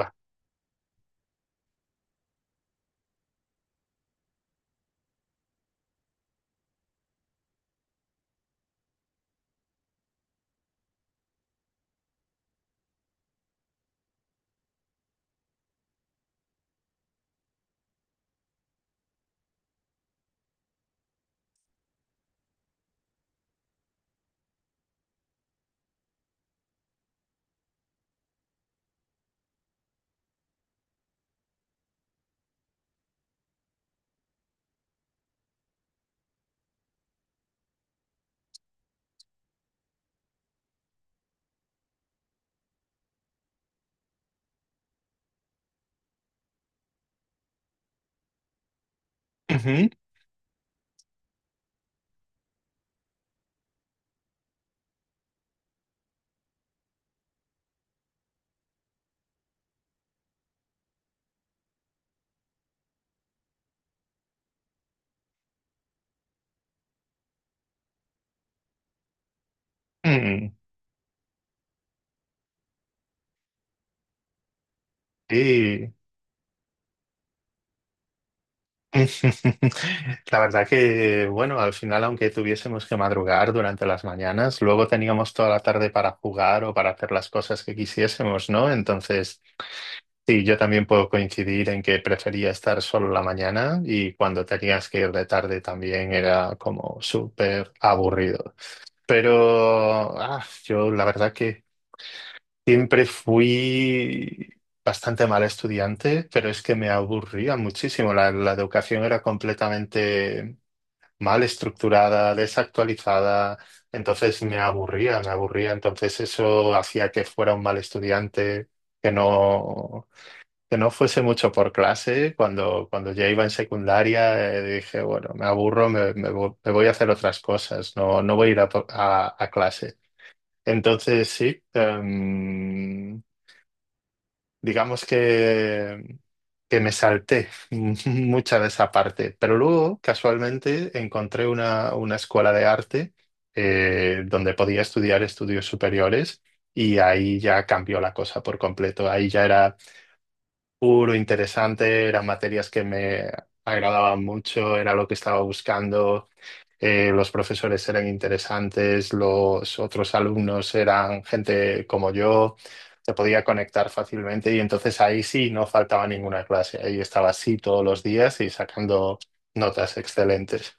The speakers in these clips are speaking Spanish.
Va. Ujú. Mm. Sí. La verdad que, bueno, al final, aunque tuviésemos que madrugar durante las mañanas, luego teníamos toda la tarde para jugar o para hacer las cosas que quisiésemos, ¿no? Entonces, sí, yo también puedo coincidir en que prefería estar solo la mañana, y cuando tenías que ir de tarde también era como súper aburrido. Pero yo la verdad que siempre fui bastante mal estudiante, pero es que me aburría muchísimo. La educación era completamente mal estructurada, desactualizada, entonces me aburría, me aburría. Entonces eso hacía que fuera un mal estudiante, que no, que no fuese mucho por clase. Cuando ya iba en secundaria, dije, bueno, me aburro, me voy a hacer otras cosas, no, no voy a ir a, a clase. Entonces sí. Digamos que me salté mucha de esa parte, pero luego casualmente encontré una escuela de arte, donde podía estudiar estudios superiores, y ahí ya cambió la cosa por completo. Ahí ya era puro interesante, eran materias que me agradaban mucho, era lo que estaba buscando. Los profesores eran interesantes, los otros alumnos eran gente como yo, te podía conectar fácilmente y entonces ahí sí no faltaba ninguna clase, ahí estaba así todos los días y sacando notas excelentes.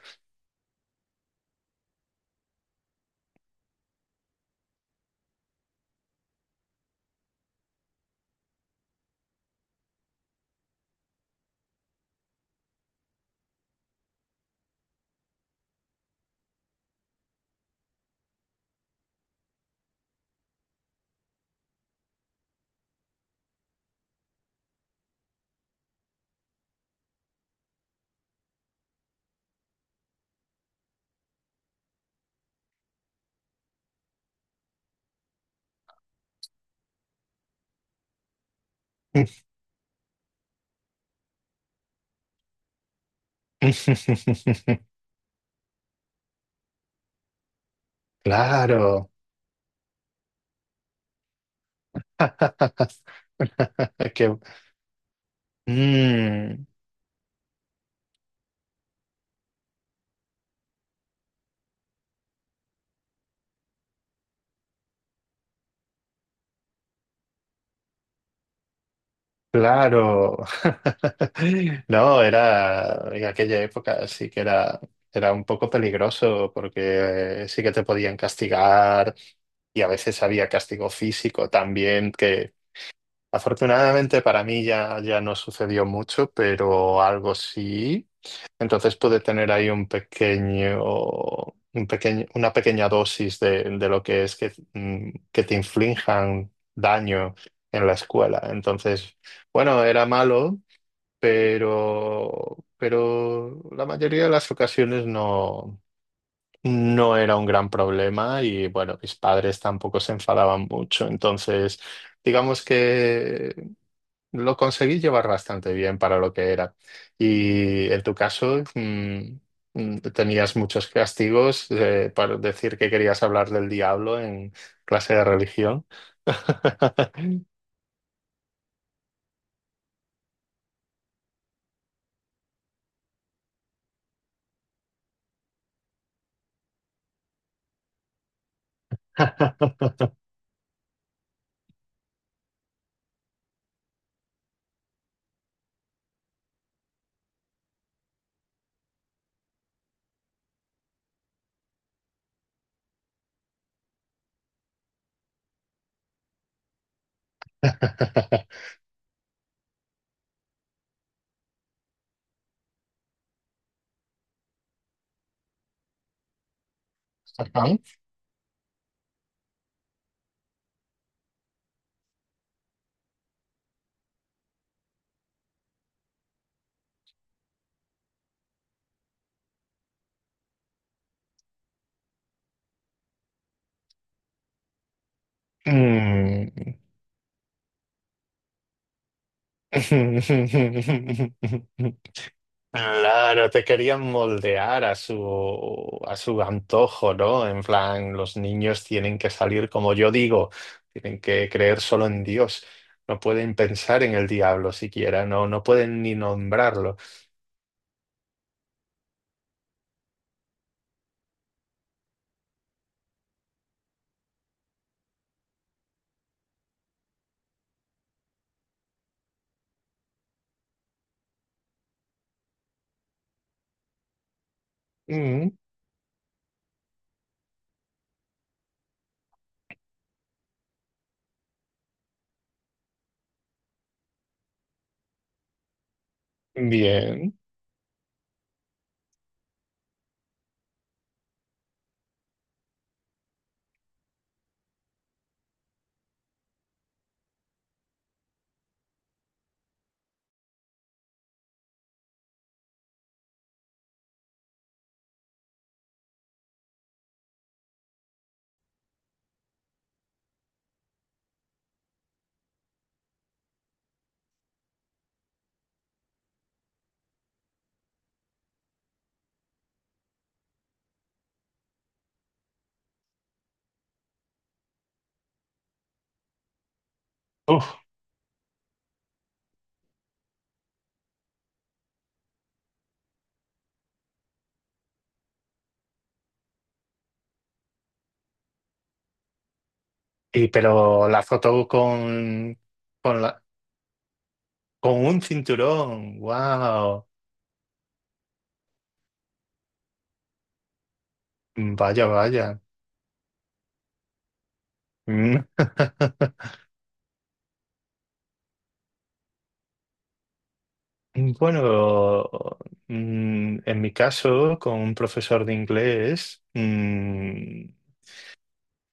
Claro. Qué- Mm. Claro. No, era en aquella época sí que era, era un poco peligroso porque sí que te podían castigar, y a veces había castigo físico también que afortunadamente para mí ya, ya no sucedió mucho, pero algo sí. Entonces puede tener ahí un pequeño, una pequeña dosis de lo que es que, que te inflijan daño en la escuela. Entonces, bueno, era malo, pero la mayoría de las ocasiones no, no era un gran problema, y bueno, mis padres tampoco se enfadaban mucho. Entonces, digamos que lo conseguí llevar bastante bien para lo que era. Y en tu caso, tenías muchos castigos, para decir que querías hablar del diablo en clase de religión. Ajá. Mm. Claro, te querían moldear a su antojo, ¿no? En plan, los niños tienen que salir, como yo digo, tienen que creer solo en Dios. No pueden pensar en el diablo siquiera, no, no pueden ni nombrarlo. Mm, bien. Uf. Y pero la foto con la, con un cinturón. Wow. Vaya, vaya. Mm. Bueno, en mi caso, con un profesor de inglés,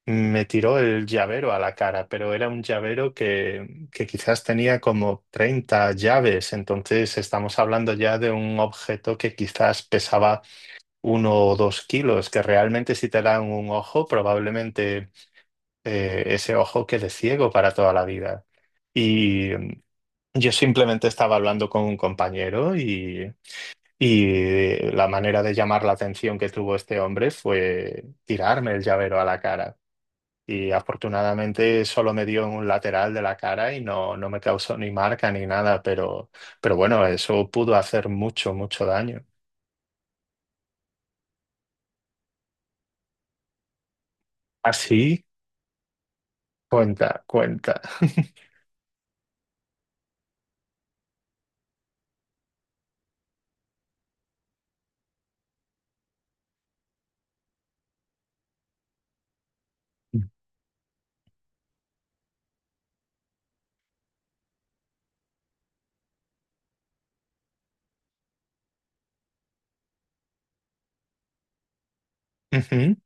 me tiró el llavero a la cara, pero era un llavero que quizás tenía como 30 llaves, entonces estamos hablando ya de un objeto que quizás pesaba 1 o 2 kilos, que realmente si te dan un ojo, probablemente ese ojo quede ciego para toda la vida. Y yo simplemente estaba hablando con un compañero, y la manera de llamar la atención que tuvo este hombre fue tirarme el llavero a la cara. Y afortunadamente solo me dio en un lateral de la cara y no, no me causó ni marca ni nada, pero bueno, eso pudo hacer mucho, mucho daño. Así, cuenta, cuenta. Ujú.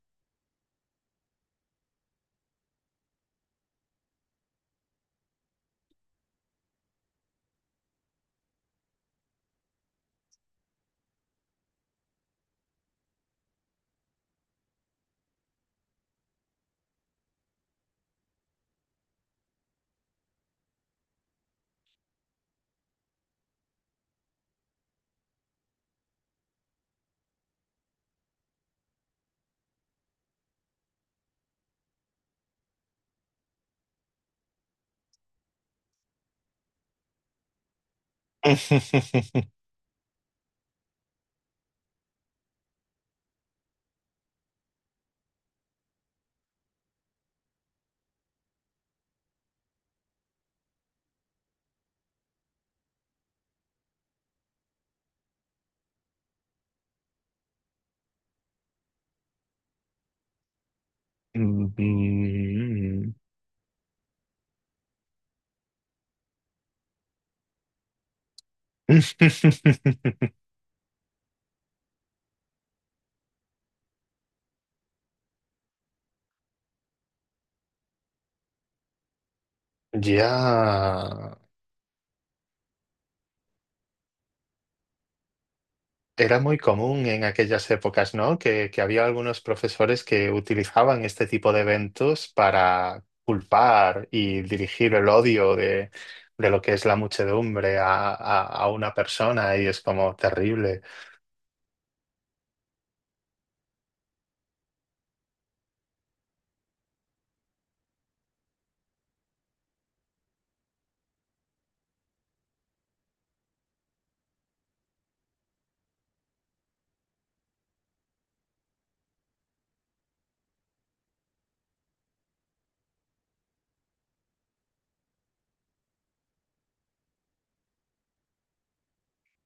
Mm. Ya. Era muy común en aquellas épocas, ¿no? Que había algunos profesores que utilizaban este tipo de eventos para culpar y dirigir el odio de lo que es la muchedumbre a, a una persona, y es como terrible.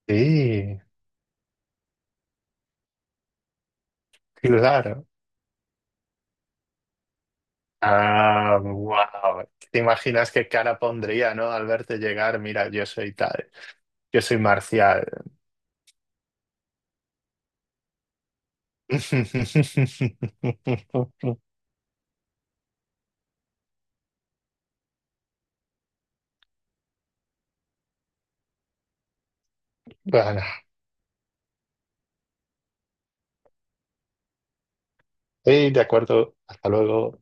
Sí, sí, claro. Ah, wow. ¿Te imaginas qué cara pondría, ¿no? Al verte llegar, mira, yo soy tal, yo soy Marcial. Bueno, sí, de acuerdo. Hasta luego.